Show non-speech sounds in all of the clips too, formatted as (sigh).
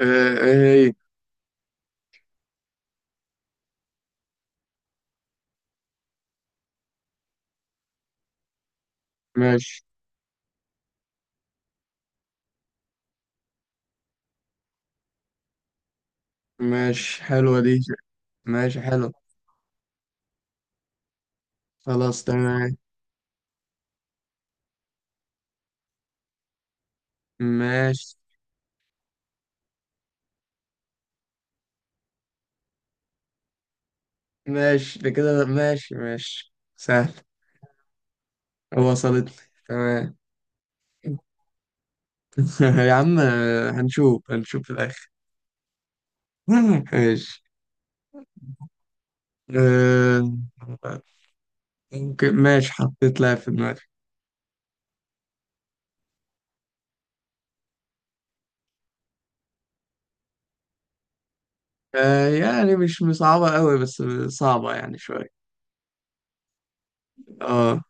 ايه. ماشي ماشي. حلوة دي. ماشي حلو. خلاص تمام. ماشي ماشي ده كده. ماشي ماشي سهل. وصلتني. تمام. (laughs) يا عم، هنشوف هنشوف في الآخر. (laughs) ماشي. آه، ممكن ماشي، حطيت لها في دماغي. يعني مش صعبة قوي، بس صعبة يعني شوية. اه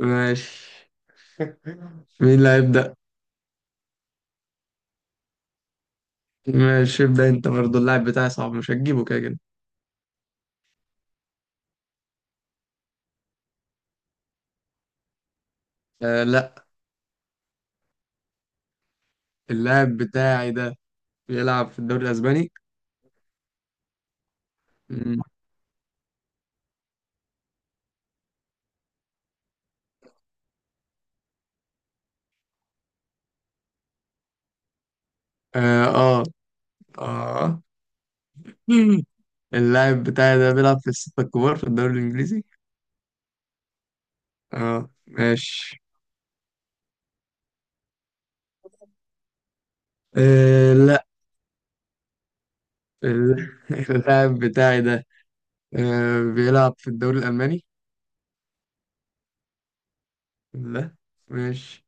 ماشي. (laughs) مين اللي هيبدأ؟ ماشي ابدأ انت، برضه اللاعب بتاعي صعب، مش هتجيبه كده كده. آه لا. اللاعب بتاعي ده بيلعب في الدوري الأسباني. مم. آه آه، آه. (laughs) مم. اللاعب بتاعي ده بيلعب في الستة الكبار في الدوري الإنجليزي. آه ماشي. آه لا. ال- (laughs) اللاعب بتاعي ده بيلعب في الدوري الألماني. لا ماشي.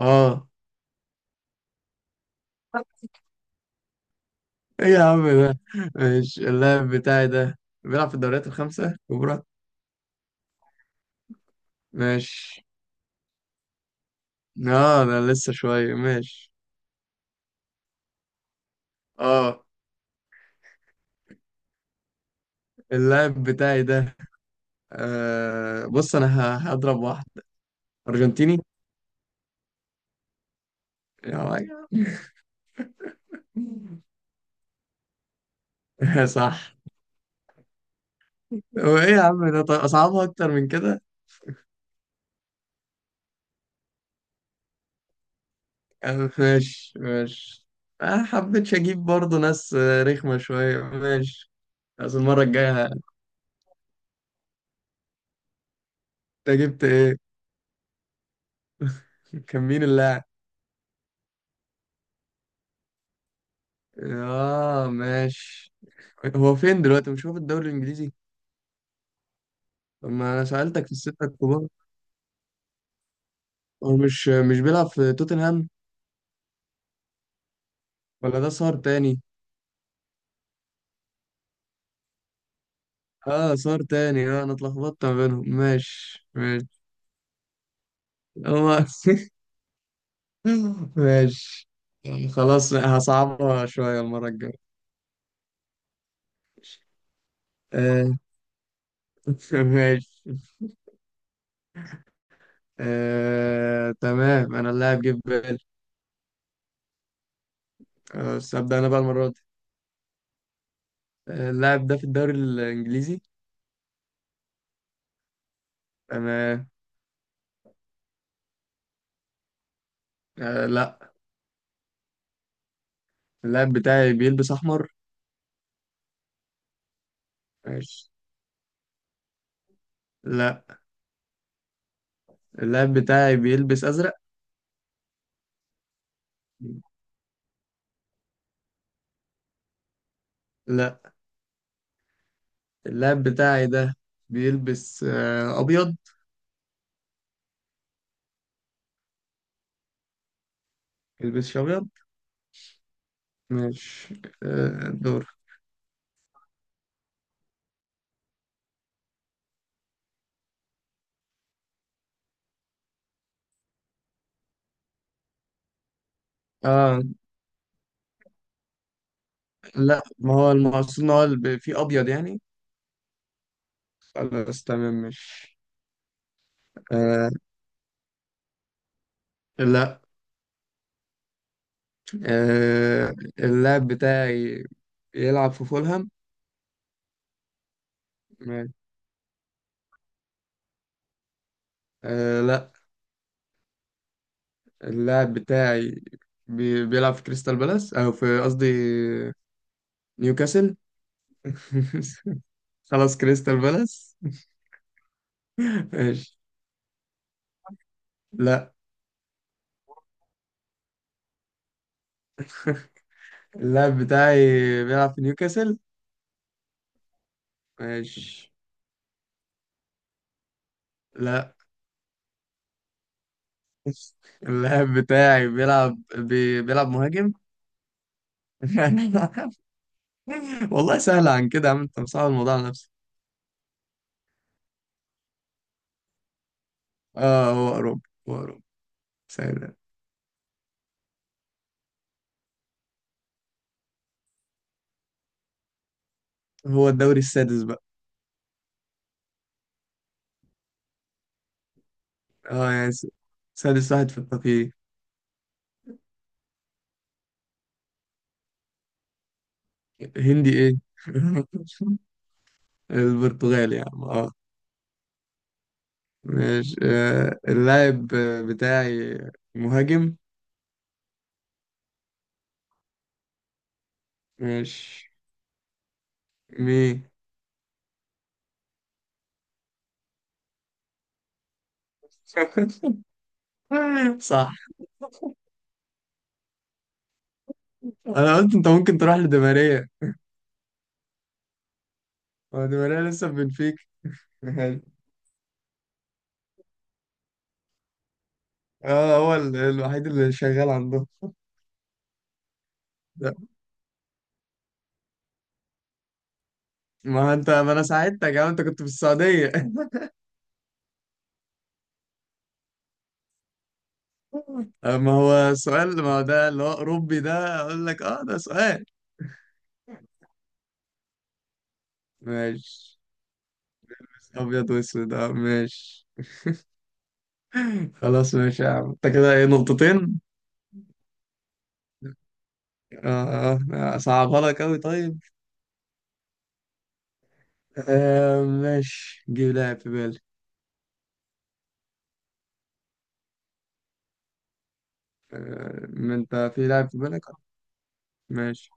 آه إيه يا عم ده. ماشي، اللاعب بتاعي ده بيلعب في الدوريات الخمسة الكبرى. ماشي. آه ده لسه شوية ماشي. آه اللاعب بتاعي ده، بص انا هضرب واحد. ارجنتيني. يا راجل. (laughs) صح. وايه يا عم ده، طيب اصعبها اكتر من كده. أه ماشي ماشي. ما حبيتش اجيب برضو ناس رخمة شوية. ماشي بس المرة الجاية انت جبت ايه؟ كان مين اللاعب؟ اه ماشي. هو فين دلوقتي؟ مش هو في الدوري الانجليزي؟ طب ما انا سألتك في الستة الكبار. هو مش بيلعب في توتنهام؟ ولا ده صار تاني؟ اه صار تاني. اه انا اتلخبطت ما بينهم، ماشي ماشي. هو (laughs) ماشي. يعني خلاص هصعبها شوية المرة الجاية. آه (laughs) ماشي. آه تمام، انا اللاعب جه في بالي. بس ابدأ انا بقى المرة دي. اللاعب ده في الدوري الانجليزي؟ تمام. آه لا. اللاعب بتاعي بيلبس احمر؟ ماشي. لا. اللاعب بتاعي بيلبس ازرق؟ لا. اللاعب بتاعي ده بيلبس ابيض؟ بيلبسش ابيض. مش دور. آه لا. ما هو المقصود ان هو اللي فيه ابيض يعني. خلاص تمام. مش آه لا. آه اللاعب بتاعي يلعب في فولهام؟ ماشي. آه لا. اللاعب بتاعي بيلعب في كريستال بالاس، او في قصدي نيوكاسل. (laughs) خلاص كريستال بالاس. (laughs) ماشي. لا. اللاعب بتاعي بيلعب في نيوكاسل. ماشي لا. اللاعب بتاعي بيلعب مهاجم. (laughs) والله سهل عن كده يا عم، انت مصعب الموضوع على نفسك. اه هو اوروبا. هو اوروبا سهل. هو الدوري السادس بقى. اه يعني سادس واحد في التقييم. هندي ايه؟ (laughs) البرتغال يا عم اه. ماشي. آه اللاعب بتاعي مهاجم. ماشي مين؟ (laughs) صح. انا قلت انت ممكن تروح لدماريا. هو دماريا لسه في بنفيكا؟ حلو. اه هو الوحيد اللي شغال عندهم. ده. ما انت ما انا ساعدتك يا عم، انت كنت في السعودية. (laughs) ما هو سؤال، ما هو ده اللي هو اوروبي، ده اقول لك اه ده سؤال. ماشي ابيض واسود اه ماشي. (laughs) خلاص ماشي يا عم، انت كده ايه؟ نقطتين؟ اه اه صعبها لك اوي طيب. آه ماشي جيب لاعب في بالي. آه ما انت في لاعب في بالك. ماشي.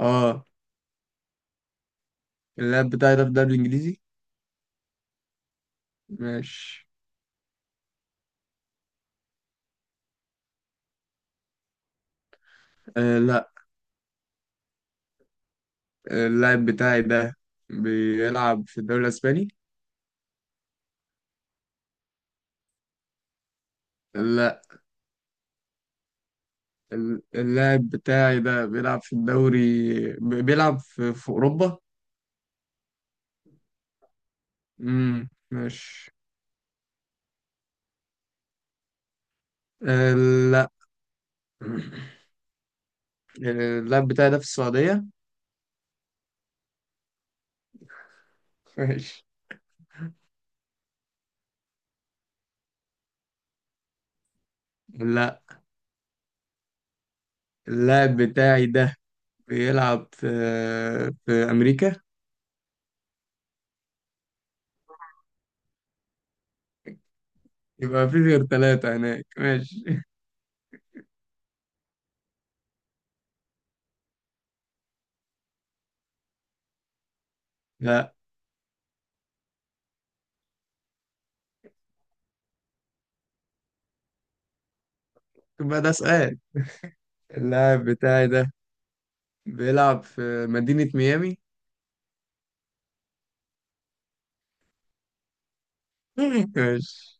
اه اللاعب بتاعي ده في الدوري الانجليزي؟ ماشي. آه لا. اللاعب بتاعي ده بيلعب في الدوري الاسباني؟ لا. اللاعب بتاعي ده بيلعب في الدوري، بيلعب في اوروبا. ماشي. آه، لا. (clears throat) اللاعب بتاعي ده في السعودية؟ ماشي لا. اللاعب بتاعي ده بيلعب في أمريكا. يبقى مفيش غير ثلاثة هناك ماشي. (laughs) لا. يبقى ده سؤال. اللاعب بتاعي ده بيلعب في مدينة ميامي. (laughs) ماشي.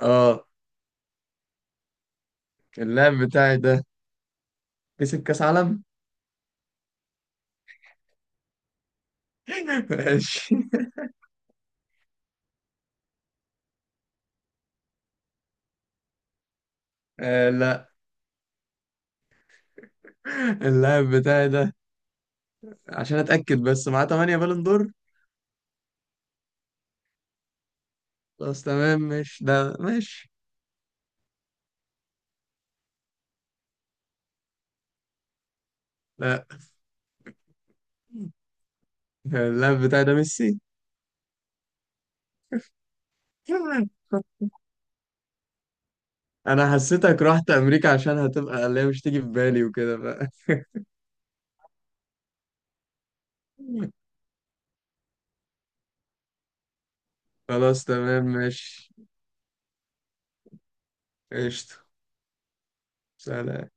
اه. اللاعب بتاعي ده كسب كأس عالم. (laughs) ماشي. آه لا. اللاعب بتاعي ده، عشان اتأكد بس، معاه 8 بالون دور. خلاص تمام ماشي ده ماشي. لا. اللاعب بتاعي ده ميسي. انا حسيتك رحت امريكا عشان هتبقى اللي هي مش تيجي في بالي وكده بقى. (laughs) خلاص تمام ماشي. قشطة. سلام.